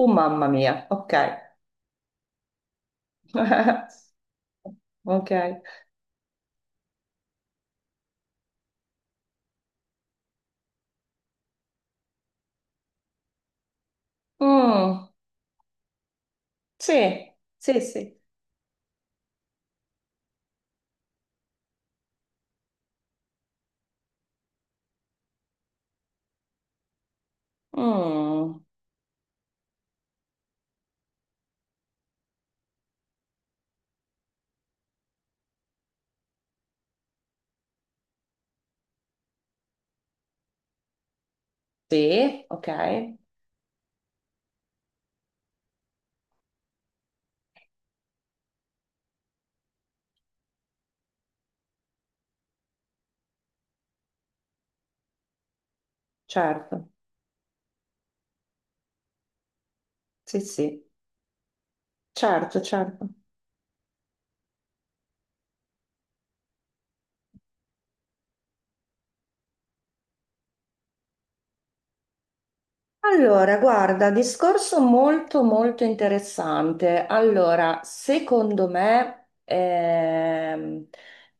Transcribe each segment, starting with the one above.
Oh mamma mia, ok. Ok. Mm, sì, sì, sì. Mm, sì, ok, certo. Sì, sì, certo, certo. Allora, guarda, discorso molto molto interessante. Allora, secondo me, ehm,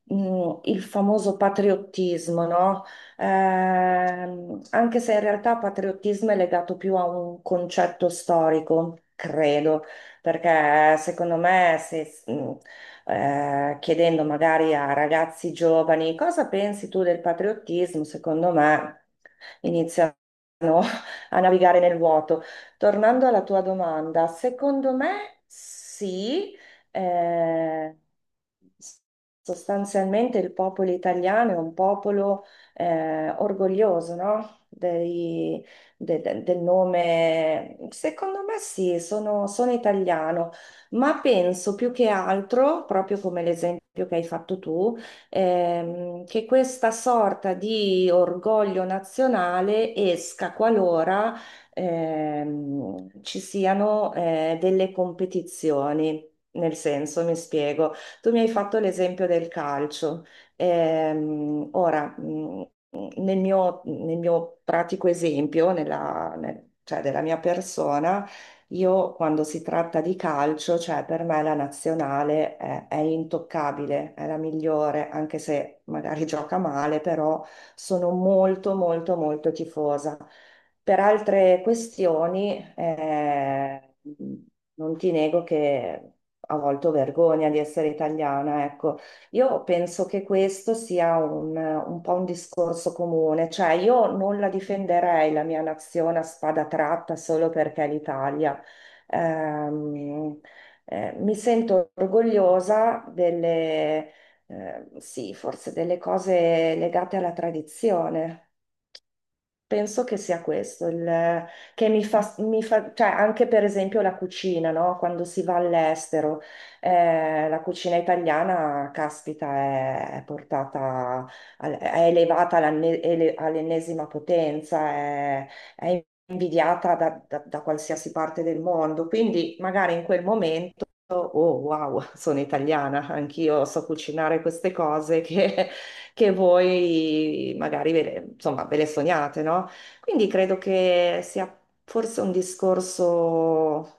mh, il famoso patriottismo, no? Anche se in realtà patriottismo è legato più a un concetto storico, credo, perché secondo me se, chiedendo magari a ragazzi giovani cosa pensi tu del patriottismo, secondo me iniziano a navigare nel vuoto. Tornando alla tua domanda, secondo me sì, eh, sostanzialmente il popolo italiano è un popolo orgoglioso, no? Del nome, secondo me sì, sono italiano, ma penso più che altro, proprio come l'esempio che hai fatto tu, che questa sorta di orgoglio nazionale esca qualora, ci siano, delle competizioni. Nel senso, mi spiego, tu mi hai fatto l'esempio del calcio. Ora, nel mio pratico esempio, cioè della mia persona, io quando si tratta di calcio, cioè per me la nazionale è intoccabile, è la migliore, anche se magari gioca male, però sono molto molto molto tifosa. Per altre questioni, non ti nego che a volte ho vergogna di essere italiana, ecco. Io penso che questo sia un po' un discorso comune, cioè io non la difenderei la mia nazione a spada tratta solo perché è l'Italia. Ehm, Mi sento orgogliosa delle, sì, forse delle cose legate alla tradizione. Penso che sia questo, che cioè anche per esempio la cucina, no? Quando si va all'estero, la cucina italiana, caspita, è portata, è elevata all'ennesima potenza, è invidiata da qualsiasi parte del mondo, quindi magari in quel momento, oh wow, sono italiana, anch'io so cucinare queste cose che voi magari insomma, ve le sognate, no? Quindi credo che sia forse un discorso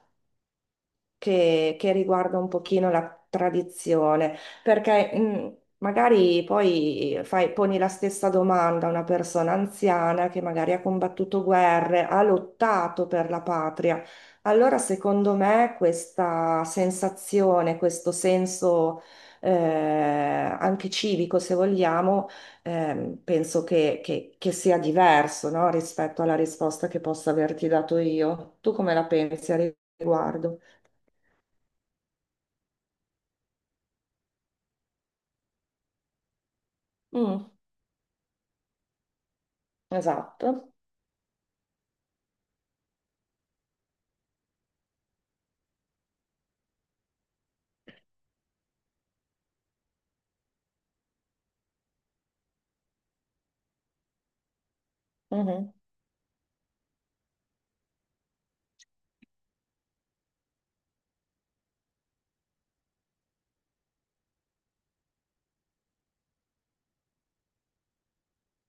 che riguarda un pochino la tradizione, perché magari poi poni la stessa domanda a una persona anziana che magari ha combattuto guerre, ha lottato per la patria. Allora, secondo me, questa sensazione, questo senso, anche civico, se vogliamo, penso che sia diverso, no, rispetto alla risposta che posso averti dato io. Tu come la pensi a riguardo? Mm, esatto. Mhm.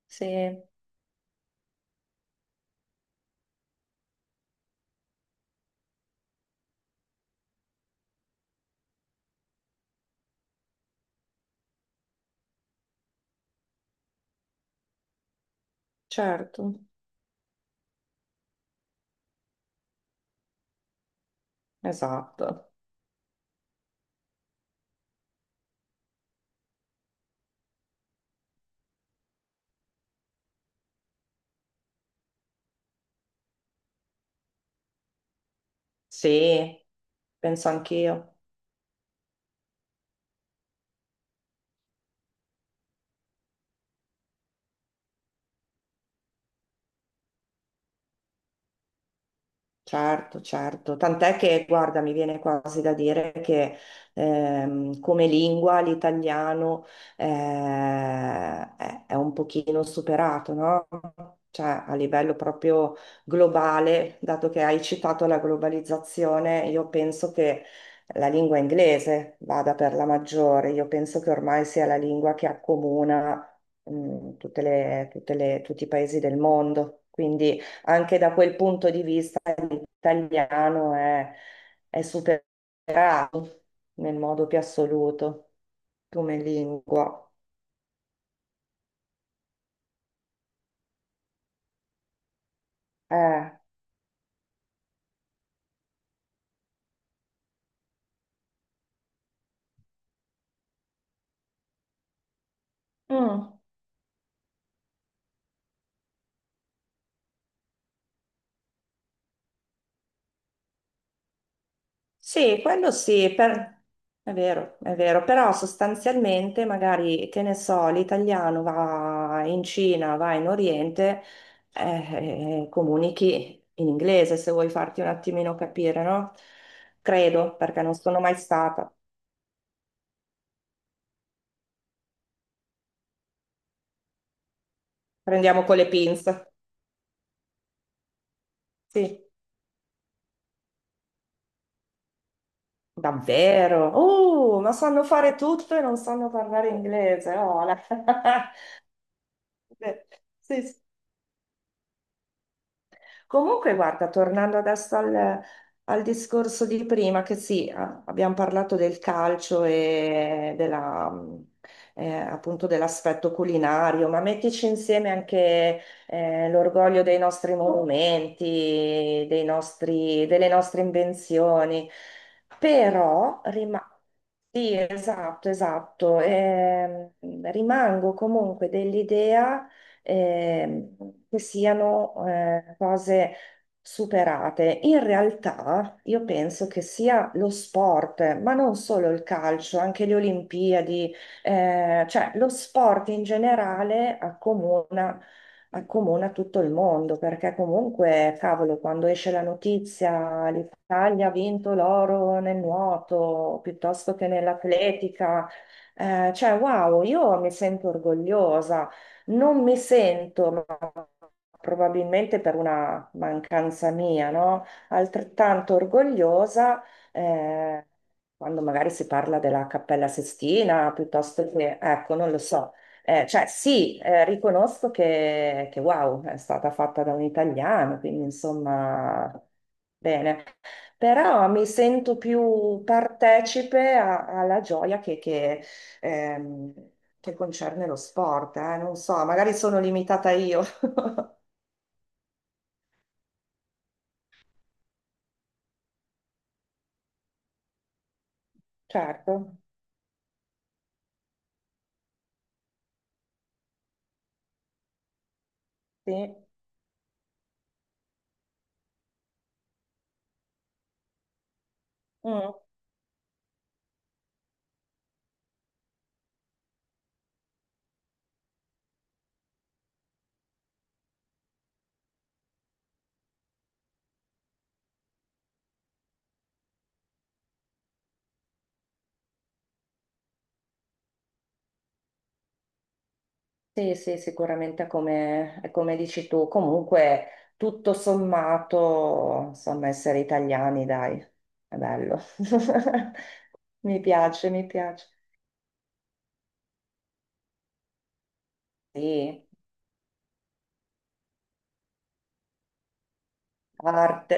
Sì, certo, esatto. Sì, penso anch'io. Certo, certo, tant'è che, guarda, mi viene quasi da dire che, come lingua l'italiano, eh, è un pochino superato, no? Cioè, a livello proprio globale, dato che hai citato la globalizzazione, io penso che la lingua inglese vada per la maggiore, io penso che ormai sia la lingua che accomuna, tutti i paesi del mondo, quindi anche da quel punto di vista italiano è superato nel modo più assoluto come lingua. Eh, Mm, sì, quello sì. È vero, è vero, però sostanzialmente magari, che ne so, l'italiano va in Cina, va in Oriente, comunichi in inglese se vuoi farti un attimino capire, no? Credo, perché non sono mai stata. Prendiamo con le pinze. Sì. Davvero? Ma sanno fare tutto e non sanno parlare inglese. Oh, Beh, sì, sì. Comunque, guarda, tornando adesso al discorso di prima, che sì, abbiamo parlato del calcio e appunto dell'aspetto culinario, ma mettici insieme anche, l'orgoglio dei nostri monumenti, delle nostre invenzioni. Però, sì, esatto, esatto. Rimango comunque dell'idea, ehm, che siano, cose superate. In realtà io penso che sia lo sport, ma non solo il calcio, anche le Olimpiadi, cioè lo sport in generale accomuna tutto il mondo, perché comunque, cavolo, quando esce la notizia, l'Italia ha vinto l'oro nel nuoto, piuttosto che nell'atletica, cioè, wow, io mi sento orgogliosa, non mi sento, ma probabilmente per una mancanza mia, no? Altrettanto orgogliosa, eh, quando magari si parla della Cappella Sistina, piuttosto che, ecco, non lo so. Cioè sì, riconosco che wow, è stata fatta da un italiano, quindi insomma, bene. Però mi sento più partecipe alla gioia ehm, che concerne lo sport, non so, magari sono limitata io. Certo, sì. Mm. Sì, sì, sicuramente è come dici tu. Comunque, tutto sommato, insomma, essere italiani, dai, è bello. Mi piace, mi piace. Sì, arte.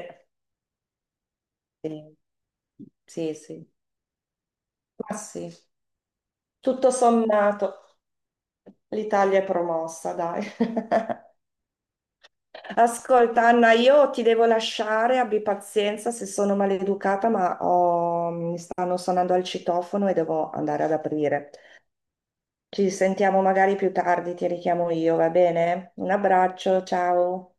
Sì, sì, sì. Ma sì, tutto sommato, l'Italia è promossa, dai. Ascolta, Anna, io ti devo lasciare, abbi pazienza se sono maleducata, ma mi stanno suonando al citofono e devo andare ad aprire. Ci sentiamo magari più tardi, ti richiamo io, va bene? Un abbraccio, ciao.